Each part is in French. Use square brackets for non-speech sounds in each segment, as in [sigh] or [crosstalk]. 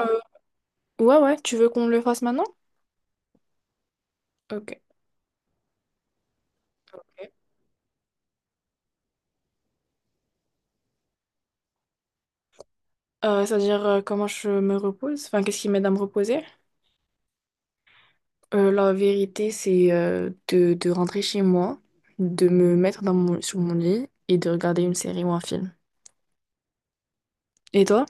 Euh, ouais, ouais, tu veux qu'on le fasse maintenant? Ok. C'est-à-dire comment je me repose, enfin qu'est-ce qui m'aide à me reposer. La vérité, c'est de rentrer chez moi, de me mettre dans sur mon lit et de regarder une série ou un film. Et toi?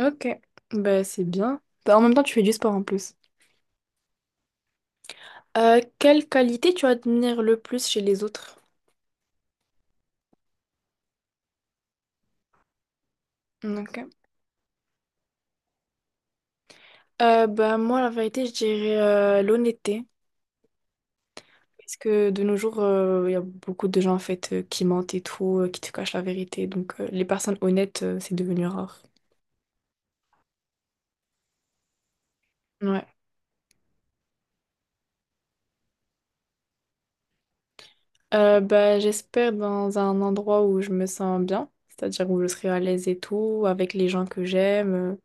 Ok. Ben c'est bien. Ben, en même temps, tu fais du sport en plus. Quelle qualité tu admires le plus chez les autres? Ok. Ben moi, la vérité, je dirais l'honnêteté. Parce que de nos jours, il y a beaucoup de gens en fait qui mentent et tout, qui te cachent la vérité. Donc les personnes honnêtes, c'est devenu rare. Ouais. Bah, j'espère dans un endroit où je me sens bien, c'est-à-dire où je serai à l'aise et tout, avec les gens que j'aime.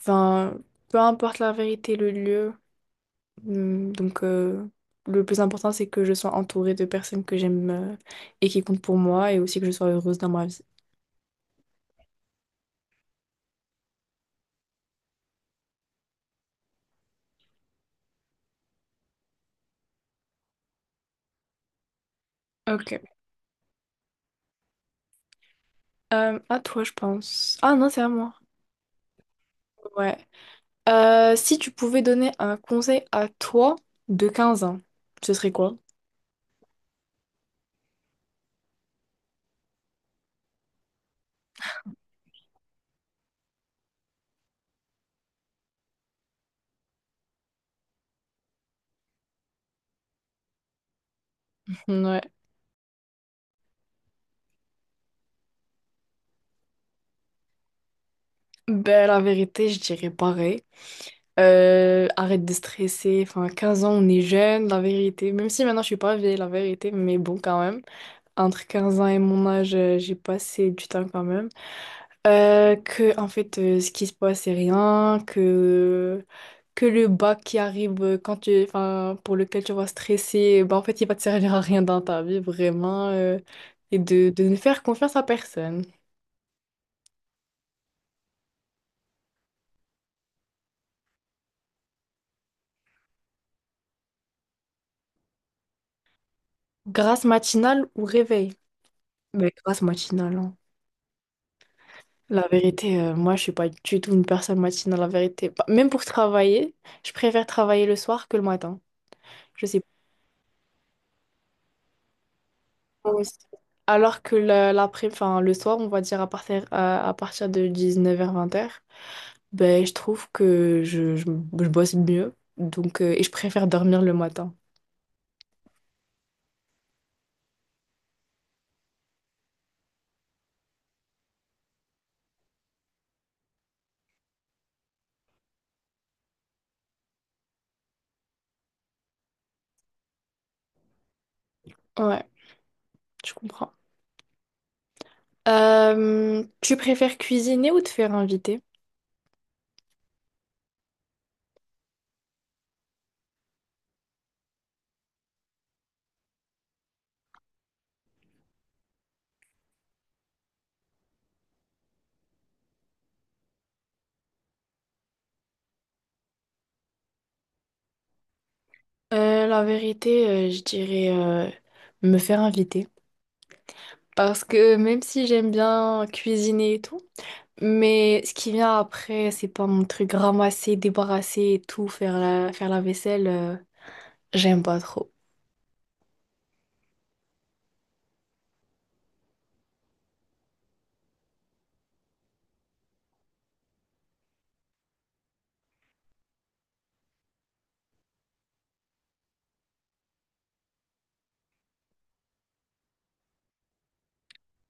Enfin, peu importe la vérité, le lieu. Hum. Donc le plus important, c'est que je sois entourée de personnes que j'aime et qui comptent pour moi et aussi que je sois heureuse dans ma vie. Ok. À toi, je pense. Ah non, c'est à moi. Ouais. Si tu pouvais donner un conseil à toi de 15 ans, ce serait quoi? Ouais. Ben, la vérité, je dirais pareil. Arrête de stresser. Enfin, 15 ans, on est jeune, la vérité. Même si maintenant, je suis pas vieille, la vérité, mais bon, quand même. Entre 15 ans et mon âge, j'ai passé du temps quand même. En fait, ce qui se passe, c'est rien. Que le bac qui arrive quand enfin, pour lequel tu vas stresser, bah, en fait, il va te servir à rien dans ta vie, vraiment, et de ne faire confiance à personne. Grâce matinale ou réveil? Mais grâce matinale, hein. La vérité, moi, je suis pas du tout une personne matinale, la vérité. Bah, même pour travailler, je préfère travailler le soir que le matin. Je sais pas. Moi aussi. Enfin, le soir, on va dire à partir de 19h-20h. Ben, je trouve que je bosse mieux. Donc, et je préfère dormir le matin. Ouais, je comprends. Tu préfères cuisiner ou te faire inviter? La vérité, je dirais me faire inviter. Parce que même si j'aime bien cuisiner et tout, mais ce qui vient après, c'est pas mon truc ramasser, débarrasser et tout, faire la vaisselle, j'aime pas trop.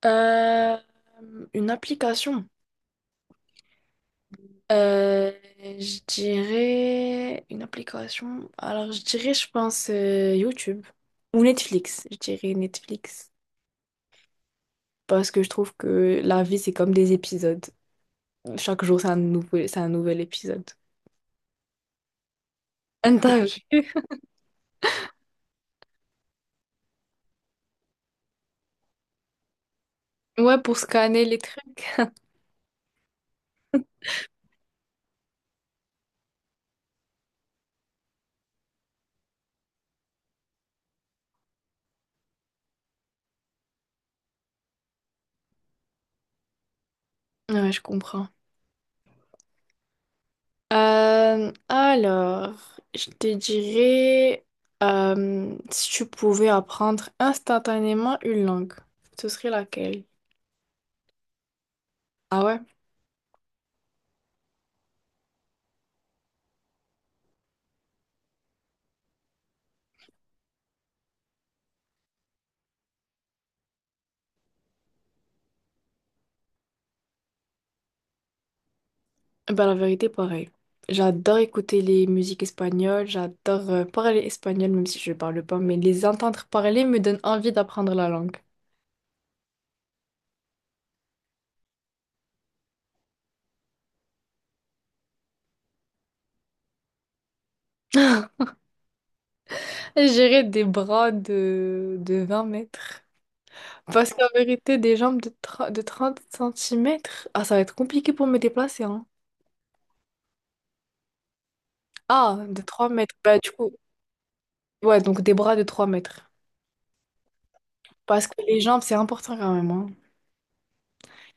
Euh, une application. Euh, je dirais une application. Alors, je dirais, je pense, YouTube ou Netflix. Je dirais Netflix. Parce que je trouve que la vie, c'est comme des épisodes. Chaque jour, c'est un nouvel épisode. Un tas- [laughs] Ouais, pour scanner les trucs. Ouais, je comprends. Alors, je te dirais, si tu pouvais apprendre instantanément une langue, ce serait laquelle? Ah ouais? Ben, la vérité, pareil. J'adore écouter les musiques espagnoles, j'adore parler espagnol, même si je ne parle pas, mais les entendre parler me donne envie d'apprendre la langue. [laughs] J'irai des bras de 20 mètres. Parce qu'en vérité, des jambes de 30 centimètres ah, ça va être compliqué pour me déplacer, hein. Ah, de 3 mètres. Bah, du coup, ouais, donc des bras de 3 mètres. Parce que les jambes, c'est important quand même, hein.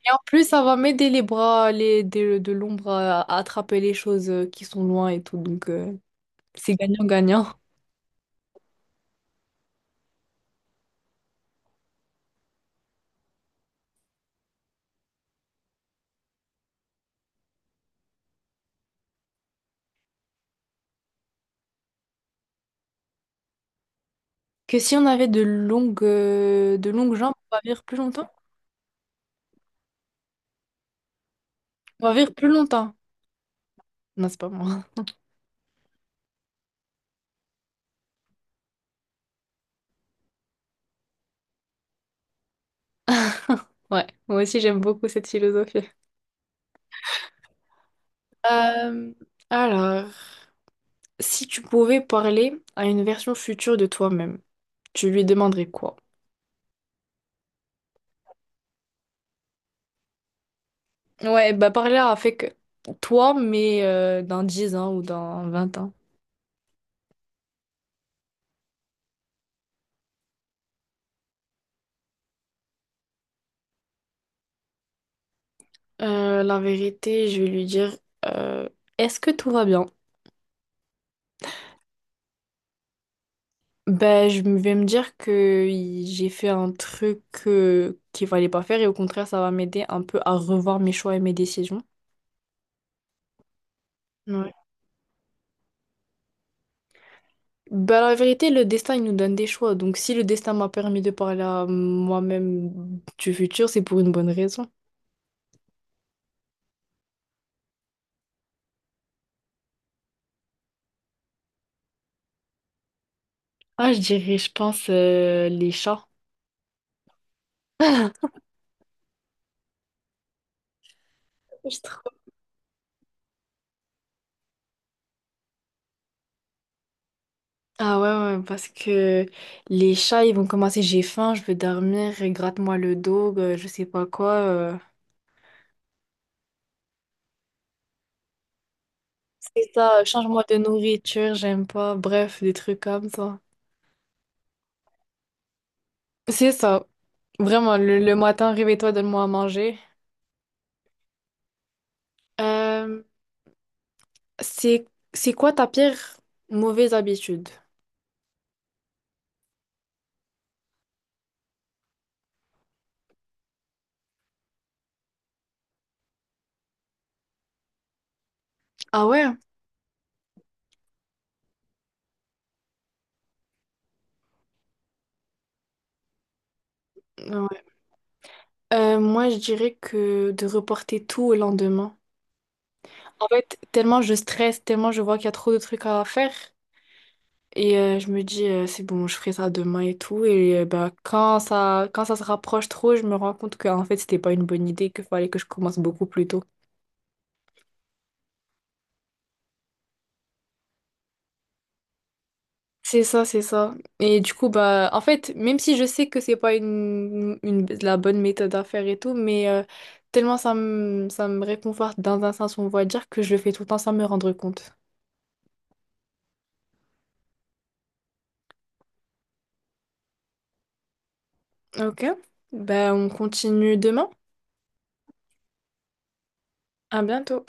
Et en plus, ça va m'aider les bras, les, de l'ombre à attraper les choses qui sont loin et tout. Donc, c'est gagnant-gagnant. Que si on avait de longues jambes, on va vivre plus longtemps? On va vivre plus longtemps. Non, c'est pas moi. [laughs] Ouais, moi aussi, j'aime beaucoup cette philosophie. Euh, alors, si tu pouvais parler à une version future de toi-même, tu lui demanderais quoi? Ouais, bah parler avec toi, mais dans 10 ans ou dans 20 ans. La vérité, je vais lui dire, euh, est-ce que tout va bien? Ben, vais me dire que j'ai fait un truc qu'il fallait pas faire et au contraire, ça va m'aider un peu à revoir mes choix et mes décisions. Ouais. Ben, la vérité, le destin, il nous donne des choix. Donc, si le destin m'a permis de parler à moi-même du futur, c'est pour une bonne raison. Ah, je dirais, je pense, les chats. Je. Ah ouais, ouais, parce que les chats, ils vont commencer, j'ai faim, je veux dormir, gratte-moi le dos, je sais pas quoi. C'est ça, change-moi de nourriture, j'aime pas, bref, des trucs comme ça. C'est ça, vraiment, le matin, réveille-toi, donne-moi à manger. Euh, c'est, c'est quoi ta pire mauvaise habitude? Ah ouais? Ouais. Moi, je dirais que de reporter tout au lendemain. En fait, tellement je stresse, tellement je vois qu'il y a trop de trucs à faire. Et je me dis, c'est bon, je ferai ça demain et tout. Et bah, quand ça se rapproche trop, je me rends compte que en fait, c'était pas une bonne idée, qu'il fallait que je commence beaucoup plus tôt. C'est ça, c'est ça. Et du coup, bah, en fait, même si je sais que c'est pas la bonne méthode à faire et tout, mais tellement ça me réconforte dans un sens, on va dire, que je le fais tout le temps sans me rendre compte. Ok, bah, on continue demain. À bientôt.